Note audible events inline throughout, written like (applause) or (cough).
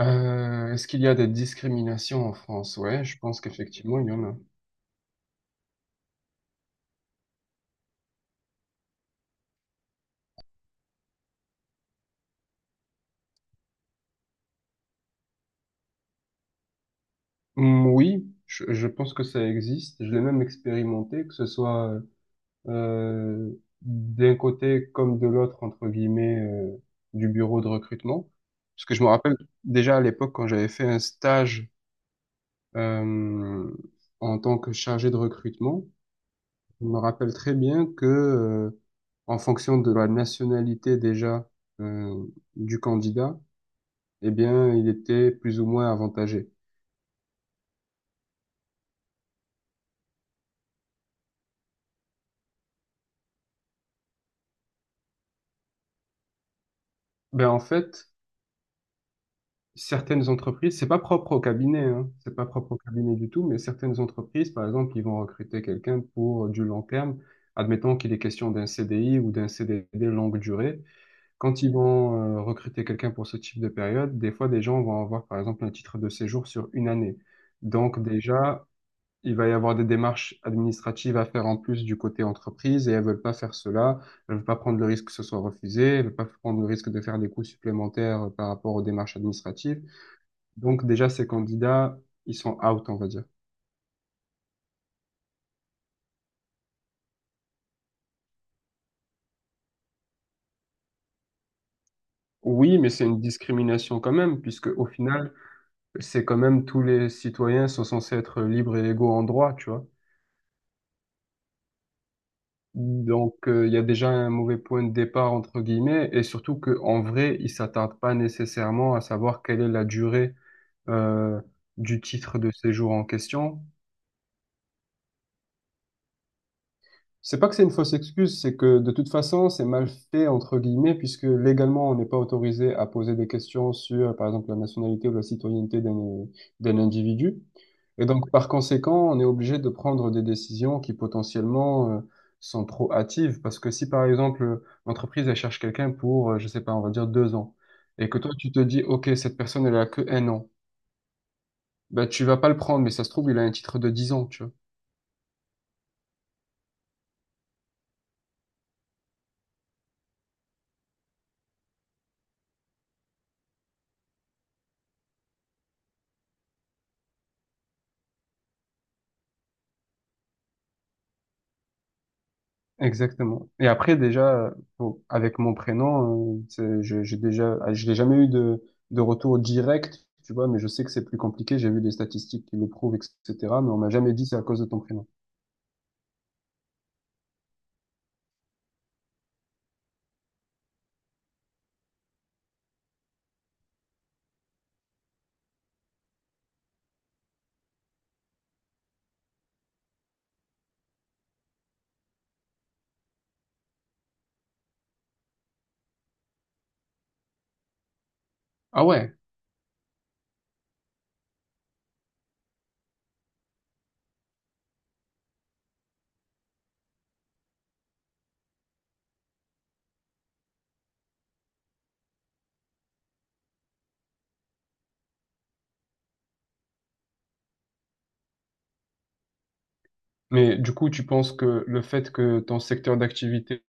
Est-ce qu'il y a des discriminations en France? Ouais, je pense qu'effectivement, il y en a. Mm, oui, je pense que ça existe. Je l'ai même expérimenté, que ce soit euh, d'un côté comme de l'autre, entre guillemets, du bureau de recrutement. Parce que je me rappelle déjà à l'époque, quand j'avais fait un stage euh, en tant que chargé de recrutement, je me rappelle très bien que, en fonction de la nationalité déjà euh, du candidat, eh bien, il était plus ou moins avantagé. Ben, en fait, certaines entreprises, c'est pas propre au cabinet, hein, c'est pas propre au cabinet du tout, mais certaines entreprises, par exemple, ils vont recruter quelqu'un pour du long terme. Admettons qu'il est question d'un CDI ou d'un CDD longue durée. Quand ils vont recruter quelqu'un pour ce type de période, des fois, des gens vont avoir, par exemple, un titre de séjour sur une année. Donc, déjà, il va y avoir des démarches administratives à faire en plus du côté entreprise et elles veulent pas faire cela. Elles veulent pas prendre le risque que ce soit refusé. Elles veulent pas prendre le risque de faire des coûts supplémentaires par rapport aux démarches administratives. Donc déjà, ces candidats, ils sont out, on va dire. Oui, mais c'est une discrimination quand même, puisque au final, c'est quand même tous les citoyens sont censés être libres et légaux en droit, tu vois. Donc, il y a déjà un mauvais point de départ, entre guillemets, et surtout qu'en vrai, ils s'attardent pas nécessairement à savoir quelle est la durée euh, du titre de séjour en question. C'est pas que c'est une fausse excuse, c'est que de toute façon, c'est mal fait, entre guillemets, puisque légalement, on n'est pas autorisé à poser des questions sur, par exemple, la nationalité ou la citoyenneté d'un d'un individu. Et donc, par conséquent, on est obligé de prendre des décisions qui potentiellement sont trop hâtives, parce que si, par exemple, l'entreprise, elle cherche quelqu'un pour, je sais pas, on va dire 2 ans, et que toi, tu te dis, OK, cette personne, elle a que 1 an, ben, tu vas pas le prendre, mais ça se trouve, il a un titre de 10 ans, tu vois. Exactement. Et après, déjà, bon, avec mon prénom, j'ai déjà, ah, je n'ai jamais eu de retour direct, tu vois, mais je sais que c'est plus compliqué. J'ai vu des statistiques qui le prouvent, etc. Mais on m'a jamais dit c'est à cause de ton prénom. Ah ouais. Mais du coup, tu penses que le fait que ton secteur d'activité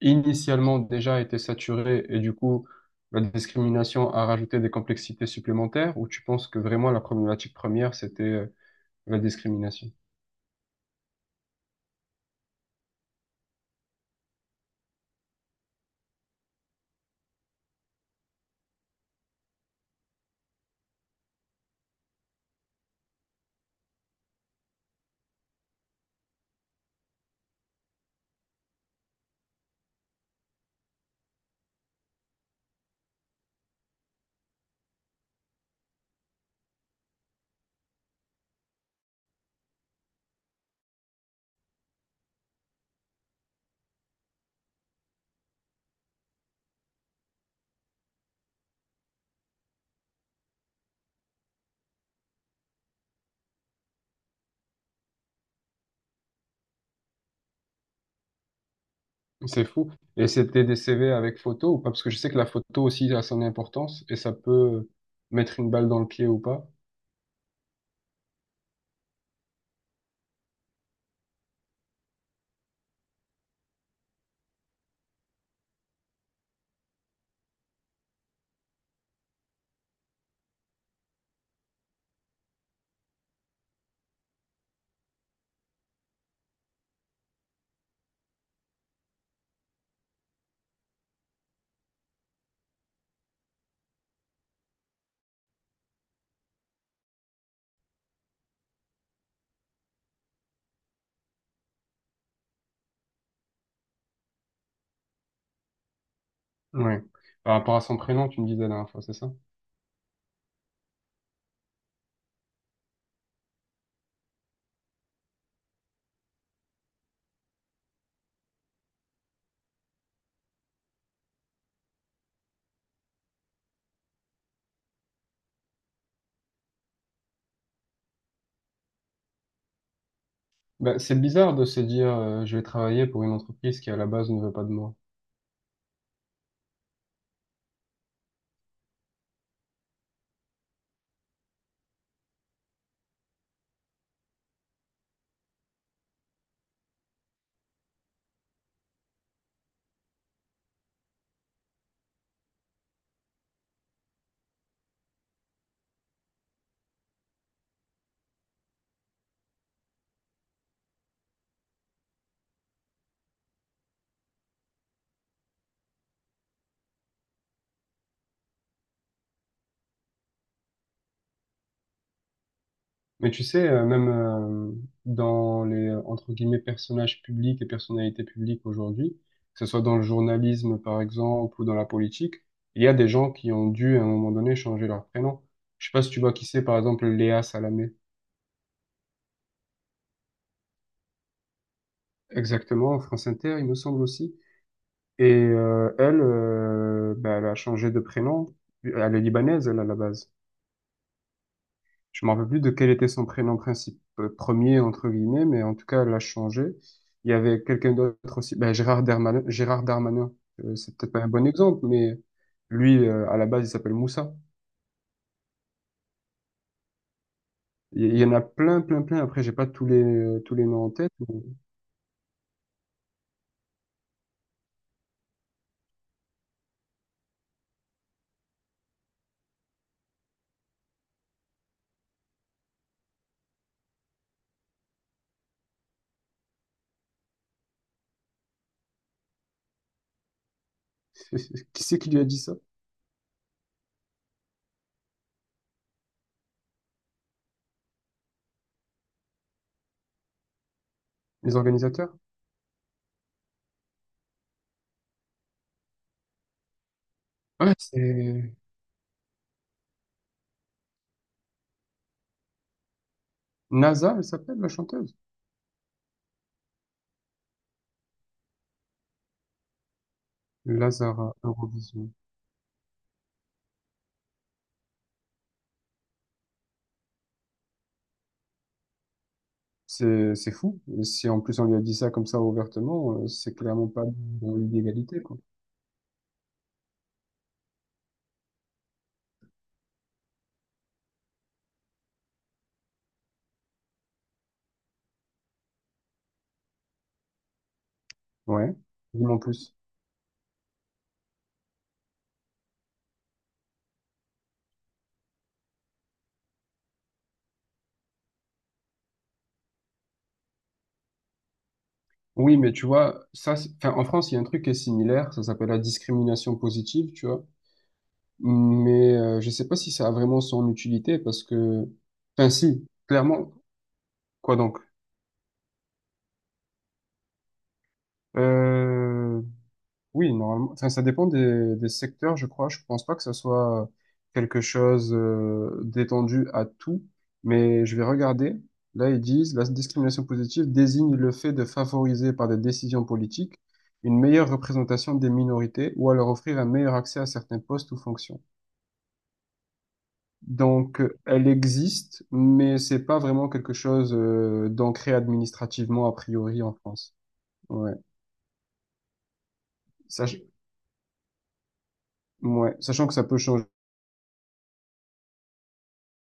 initialement déjà était saturé et du coup, la discrimination a rajouté des complexités supplémentaires, ou tu penses que vraiment la problématique première, c'était la discrimination? C'est fou. Et c'était des CV avec photo ou pas? Parce que je sais que la photo aussi a son importance et ça peut mettre une balle dans le pied ou pas. Ouais. Par rapport à son prénom, tu me disais la dernière fois, c'est ça? Ben, c'est bizarre de se dire je vais travailler pour une entreprise qui à la base ne veut pas de moi. Mais tu sais, même dans les entre guillemets personnages publics et personnalités publiques aujourd'hui, que ce soit dans le journalisme par exemple ou dans la politique, il y a des gens qui ont dû à un moment donné changer leur prénom. Je sais pas si tu vois qui c'est, par exemple Léa Salamé. Exactement, France Inter, il me semble aussi. Et elle, bah, elle a changé de prénom. Elle est libanaise, elle, à la base. Je me rappelle plus de quel était son prénom principal, premier, entre guillemets, mais en tout cas, elle a changé. Il y avait quelqu'un d'autre aussi, bah, Gérard Darmanin. Gérard Darmanin, c'est peut-être pas un bon exemple, mais lui, à la base, il s'appelle Moussa. Il y en a plein, plein, plein. Après, j'ai pas tous les, tous les noms en tête. Mais (laughs) qui c'est qui lui a dit ça? Les organisateurs? Ouais, c'est NASA, elle s'appelle, la chanteuse. Lazara, Eurovision. C'est fou. Et si en plus on lui a dit ça comme ça ouvertement, c'est clairement pas dans l'illégalité, quoi. Ouais. Dis-moi en plus. Oui, mais tu vois, ça, c'est- enfin, en France, il y a un truc qui est similaire. Ça s'appelle la discrimination positive, tu vois. Mais je sais pas si ça a vraiment son utilité parce que, enfin, si, clairement. Quoi donc? Euh, Oui, normalement. Enfin, ça dépend des secteurs, je crois. Je pense pas que ça soit quelque chose d'étendu à tout, mais je vais regarder. Là, ils disent, la discrimination positive désigne le fait de favoriser par des décisions politiques une meilleure représentation des minorités ou à leur offrir un meilleur accès à certains postes ou fonctions. Donc, elle existe, mais c'est pas vraiment quelque chose d'ancré administrativement a priori en France. Ouais. Sach- ouais. Sachant que ça peut changer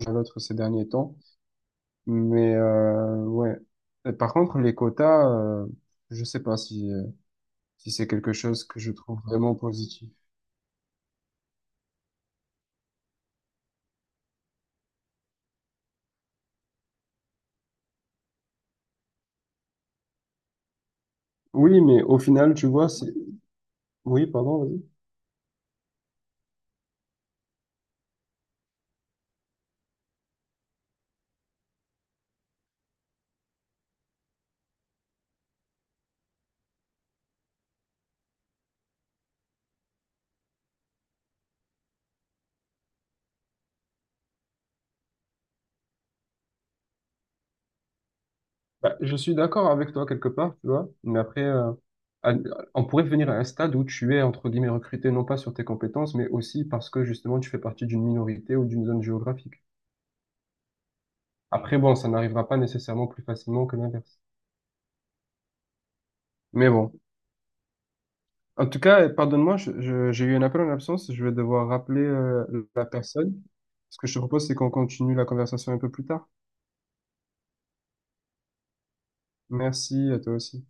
à l'autre ces derniers temps. Mais ouais. Et par contre, les quotas, je sais pas si, si c'est quelque chose que je trouve vraiment positif. Oui, mais au final, tu vois, c'est... Oui, pardon, vas-y. Bah, je suis d'accord avec toi quelque part, tu vois, mais après, à- on pourrait venir à un stade où tu es, entre guillemets, recruté non pas sur tes compétences, mais aussi parce que justement, tu fais partie d'une minorité ou d'une zone géographique. Après, bon, ça n'arrivera pas nécessairement plus facilement que l'inverse. Mais bon. En tout cas, pardonne-moi, j'ai eu un appel en absence. Je vais devoir rappeler la personne. Ce que je te propose, c'est qu'on continue la conversation un peu plus tard. Merci à toi aussi.